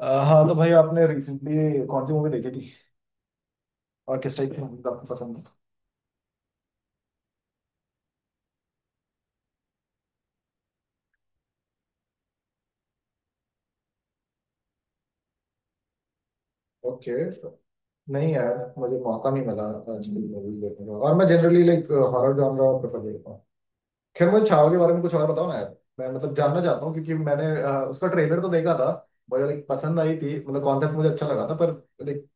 हाँ तो भाई आपने रिसेंटली कौन सी मूवी देखी थी और किस टाइप की मूवी आपको पसंद है। ओके। नहीं यार, मुझे मौका नहीं मिला आजकल मूवीज देखने का, और मैं generally like horror genre prefer करता हूँ। खैर, मुझे छावा के बारे में कुछ और बताओ ना यार, मैं मतलब जानना चाहता हूँ क्योंकि मैंने उसका ट्रेलर तो देखा था। मुझे लाइक पसंद आई थी, मतलब कॉन्सेप्ट मुझे अच्छा लगा था, पर like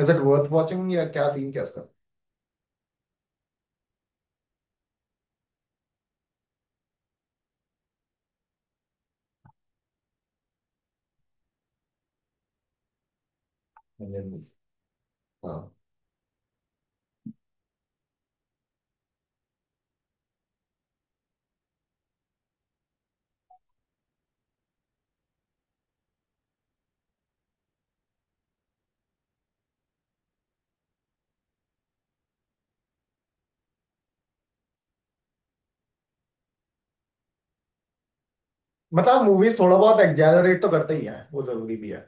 is it worth watching, या क्या सीन क्या इसका। हाँ, मतलब मूवीज थोड़ा बहुत एग्जैजरेट तो करते ही हैं, वो जरूरी भी है।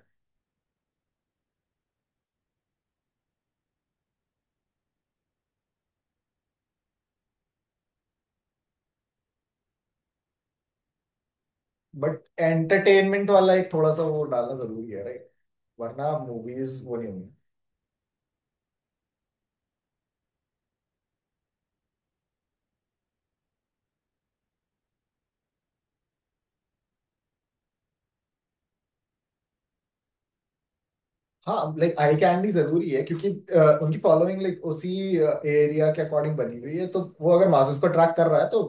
बट एंटरटेनमेंट वाला एक थोड़ा सा वो डालना जरूरी है, राइट। वरना मूवीज वो नहीं होंगी। हाँ लाइक आई कैंडी जरूरी है क्योंकि उनकी फॉलोइंग लाइक उसी एरिया के अकॉर्डिंग बनी हुई है, तो वो अगर मासेस को अट्रैक्ट कर रहा है तो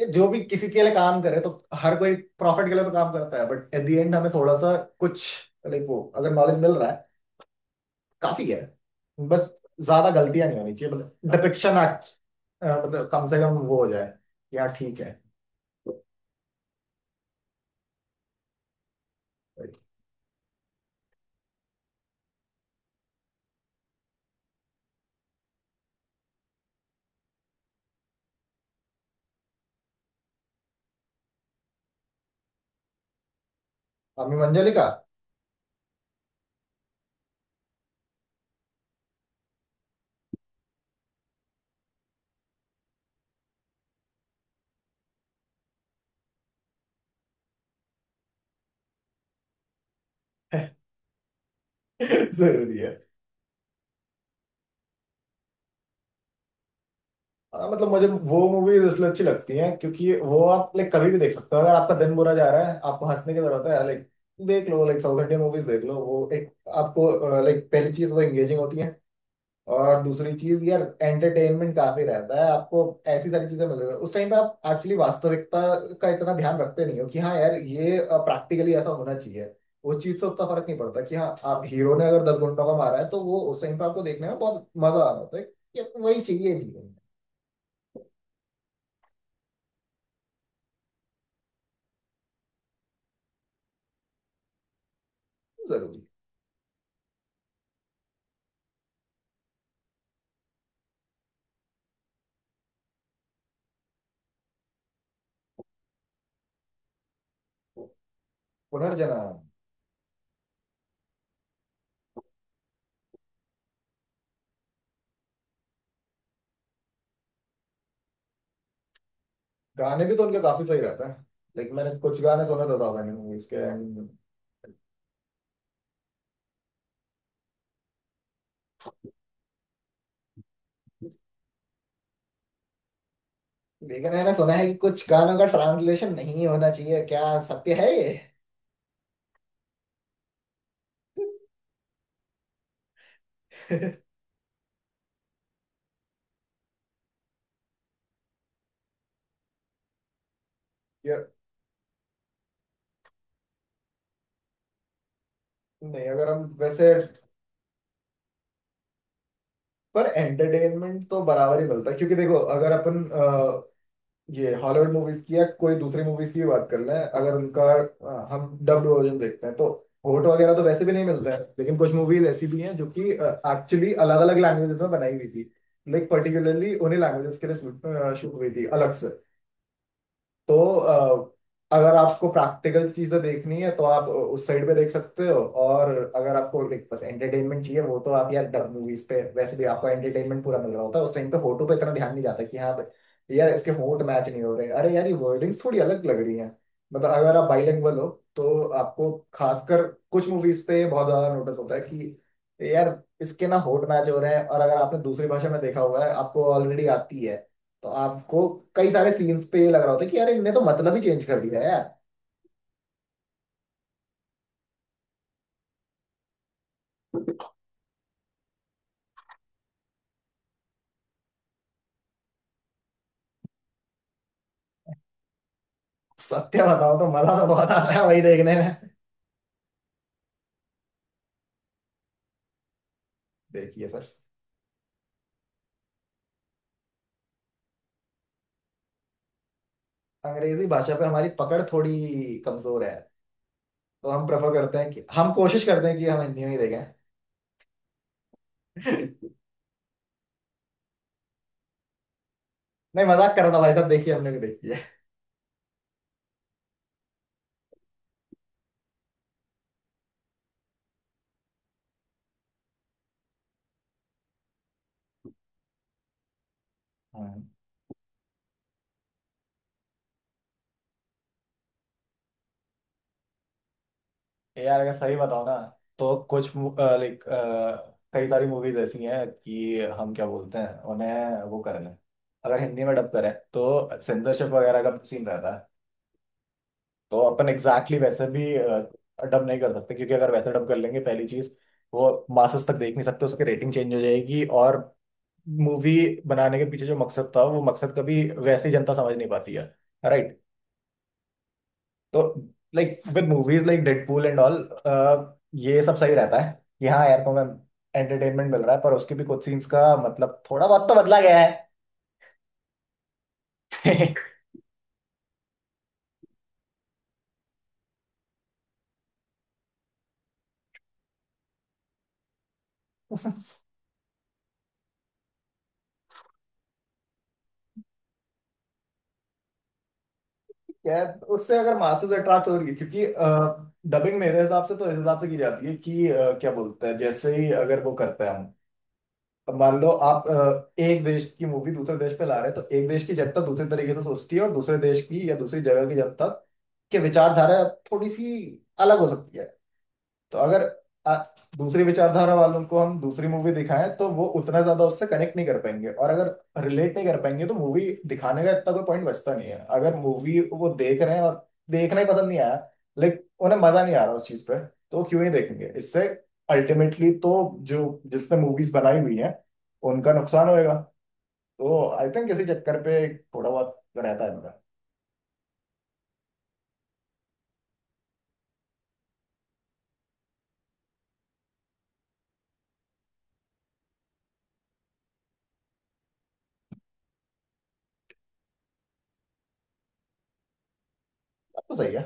ये जो भी किसी के लिए काम करे, तो हर कोई प्रॉफिट के लिए तो काम करता है। बट एट द एंड हमें थोड़ा सा कुछ लाइक वो अगर नॉलेज मिल रहा है, काफी है। बस ज्यादा गलतियां नहीं होनी चाहिए, मतलब डिपिक्शन मतलब कम से कम वो हो जाए यार, ठीक है। Right. हमें मंजलिका जरूरी है। हाँ, मतलब मुझे वो मूवीज इसलिए अच्छी लगती हैं क्योंकि वो आप लाइक कभी भी देख सकते हो। अगर आपका दिन बुरा जा रहा है, आपको हंसने की जरूरत है यार, लाइक देख लो, लाइक साउथ इंडियन मूवीज देख लो। वो एक आपको लाइक पहली चीज वो एंगेजिंग होती है, और दूसरी चीज यार एंटरटेनमेंट काफी रहता है आपको। ऐसी सारी चीजें मिल रही है उस टाइम पे, आप एक्चुअली वास्तविकता का इतना ध्यान रखते नहीं हो कि हाँ यार ये प्रैक्टिकली ऐसा होना चाहिए। उस चीज से उतना फर्क नहीं पड़ता कि हाँ, आप हीरो ने अगर दस घंटों का मारा है, तो वो उस टाइम पे आपको देखने में बहुत मजा आ रहा होता है कि वही चाहिए जीवन में। जरूरी है। पुनर्जन्म। गाने भी तो उनके काफी सही रहते हैं। लेकिन मैंने कुछ गाने सुने तो था मैंने मूवीज के लेकिन मैंने सुना है कि कुछ गानों का ट्रांसलेशन नहीं होना चाहिए, क्या सत्य है ये? यार नहीं, अगर हम वैसे पर एंटरटेनमेंट तो बराबर ही मिलता है क्योंकि देखो, अगर अपन ये हॉलीवुड मूवीज की या कोई दूसरी मूवीज की भी बात कर लें, अगर उनका हम डब्ड वर्जन देखते हैं तो होट वगैरह तो वैसे भी नहीं मिलते हैं। लेकिन कुछ मूवीज ऐसी भी हैं जो कि एक्चुअली अलग अलग लैंग्वेजेस में बनाई हुई थी, लाइक पर्टिकुलरली उन्हीं लैंग्वेजेस के लिए शूट हुई थी अलग से। तो अगर आपको प्रैक्टिकल चीजें देखनी है तो आप उस साइड पे देख सकते हो, और अगर आपको लाइक बस एंटरटेनमेंट चाहिए वो, तो आप यार डब मूवीज पे वैसे भी आपको एंटरटेनमेंट पूरा मिल रहा होता है। उस टाइम पे फोटो पे इतना ध्यान नहीं जाता कि हाँ भाई, यार इसके होंठ मैच नहीं हो रहे, अरे यार ये वर्डिंग्स थोड़ी अलग लग रही हैं। मतलब अगर आप बाइलिंगुअल हो, तो आपको खासकर कुछ मूवीज पे बहुत ज्यादा नोटिस होता है कि यार इसके ना होंठ मैच हो रहे हैं, और अगर आपने दूसरी भाषा में देखा हुआ है, आपको ऑलरेडी आती है, तो आपको कई सारे सीन्स पे ये लग रहा होता है कि यार इनने तो मतलब ही चेंज कर दिया है यार। सत्य बताओ तो मजा तो बहुत आता है वही देखने में। देखिए सर, अंग्रेजी भाषा पे हमारी पकड़ थोड़ी कमजोर है, तो हम प्रेफर करते हैं कि हम कोशिश करते हैं कि हम हिंदी में ही देखें। नहीं मजाक कर रहा था भाई साहब, देखिए हमने भी देखी है। हाँ। यार अगर सही बताओ ना, तो कुछ लाइक कई सारी मूवीज ऐसी हैं कि हम क्या बोलते हैं उन्हें, वो कर लें अगर हिंदी में डब करें तो सेंसरशिप वगैरह का सीन रहता है। तो अपन एग्जैक्टली exactly वैसे भी डब नहीं कर सकते क्योंकि अगर वैसे डब कर लेंगे, पहली चीज वो मासस तक देख नहीं सकते, उसकी रेटिंग चेंज हो जाएगी, और मूवी बनाने के पीछे जो मकसद था वो मकसद कभी वैसे ही जनता समझ नहीं पाती है, राइट। तो like with movies like Deadpool and all ये सब सही रहता है कि हाँ यार को एंटरटेनमेंट मिल रहा है, पर उसके भी कुछ सीन्स का मतलब थोड़ा बहुत तो बदला गया है। क्या उससे अगर मासेस अट्रैक्ट हो रही है, क्योंकि डबिंग मेरे हिसाब से तो इस हिसाब से की जाती है कि क्या बोलते हैं, जैसे ही अगर वो करते हैं हम, अब मान लो आप एक देश की मूवी दूसरे देश पे ला रहे हैं, तो एक देश की जनता दूसरे तरीके से सोचती है और दूसरे देश की या दूसरी जगह की जनता के विचारधारा थोड़ी सी अलग हो सकती है। तो अगर आ, दूसरी विचारधारा वालों को हम दूसरी मूवी दिखाएं, तो वो उतना ज्यादा उससे कनेक्ट नहीं कर पाएंगे, और अगर रिलेट नहीं कर पाएंगे तो मूवी दिखाने का इतना कोई पॉइंट बचता नहीं है। अगर मूवी वो देख रहे हैं और देखना ही पसंद नहीं आया, लाइक उन्हें मजा नहीं आ रहा उस चीज पे, तो वो क्यों ही देखेंगे इससे। अल्टीमेटली तो जो जिसने मूवीज बनाई हुई हैं, उनका नुकसान होएगा। तो आई थिंक इसी चक्कर पे थोड़ा बहुत रहता है इनका। बात तो सही है।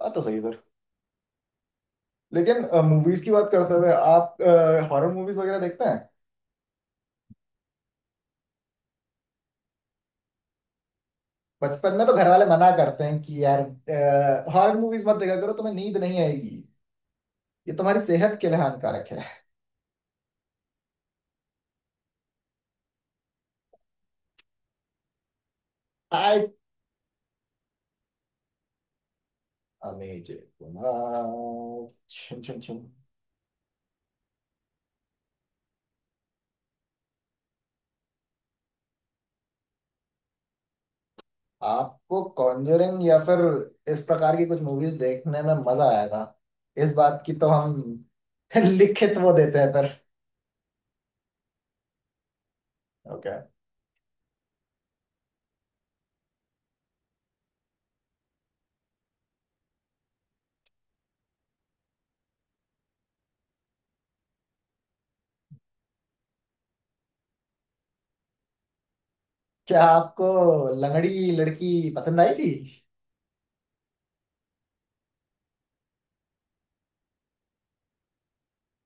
बात तो सही है सर। लेकिन मूवीज की बात करते हुए आप हॉरर मूवीज वगैरह देखते हैं? बचपन में तो घर वाले मना करते हैं कि यार हॉरर मूवीज मत देखा करो, तुम्हें नींद नहीं आएगी, ये तुम्हारी सेहत के लिए हानिकारक है। आई अमेजिंग। छुम छुम छुम। आपको कॉन्जरिंग या फिर इस प्रकार की कुछ मूवीज देखने में मजा आएगा, इस बात की तो हम लिखित वो देते हैं पर। ओके। क्या आपको लंगड़ी लड़की पसंद आई थी?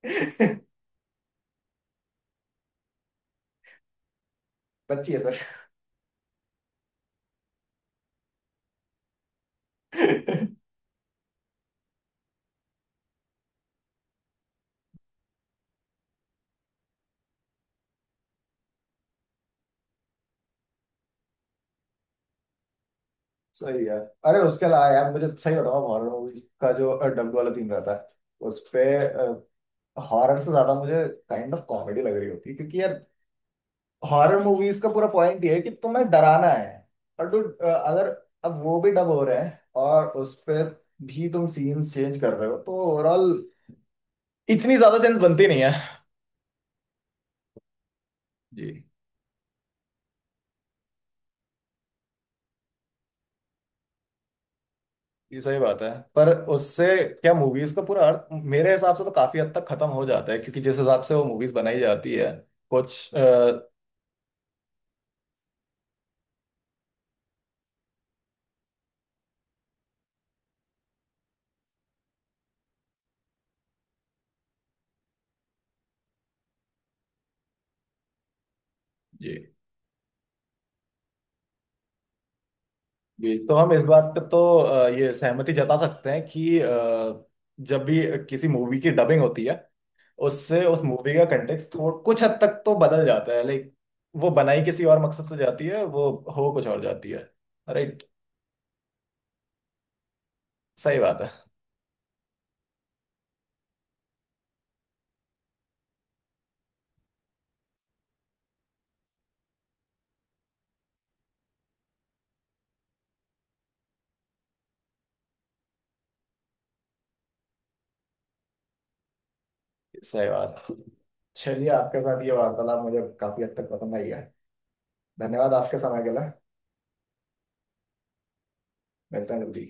बच्ची है। सर सही है। अरे उसके अलावा यार मुझे सही बताओ, हॉरर मूवीज का जो डब्ड वाला सीन रहता है उस पे हॉरर से ज्यादा मुझे काइंड ऑफ कॉमेडी लग रही होती है, क्योंकि यार हॉरर मूवीज का पूरा पॉइंट ये है कि तुम्हें डराना है, और डू अगर अब वो भी डब हो रहे हैं, और उस पे भी तुम सीन्स चेंज कर रहे हो, तो ओवरऑल इतनी ज्यादा सेंस बनती नहीं है। जी, ये सही बात है। पर उससे क्या मूवीज का पूरा अर्थ मेरे हिसाब से तो काफी हद तक खत्म हो जाता है, क्योंकि जिस हिसाब से वो मूवीज बनाई जाती है कुछ। जी। जी, तो हम इस बात पे तो ये सहमति जता सकते हैं कि जब भी किसी मूवी की डबिंग होती है, उससे उस मूवी का कंटेक्स्ट थोड़ा कुछ हद तक तो बदल जाता है, लाइक वो बनाई किसी और मकसद से जाती है, वो हो कुछ और जाती है, राइट। सही बात है। सही बात। चलिए, आपके साथ ये वार्तालाप मुझे काफी हद तक पसंद आई है। धन्यवाद आपके समय के लिए। मिलते हैं जल्दी।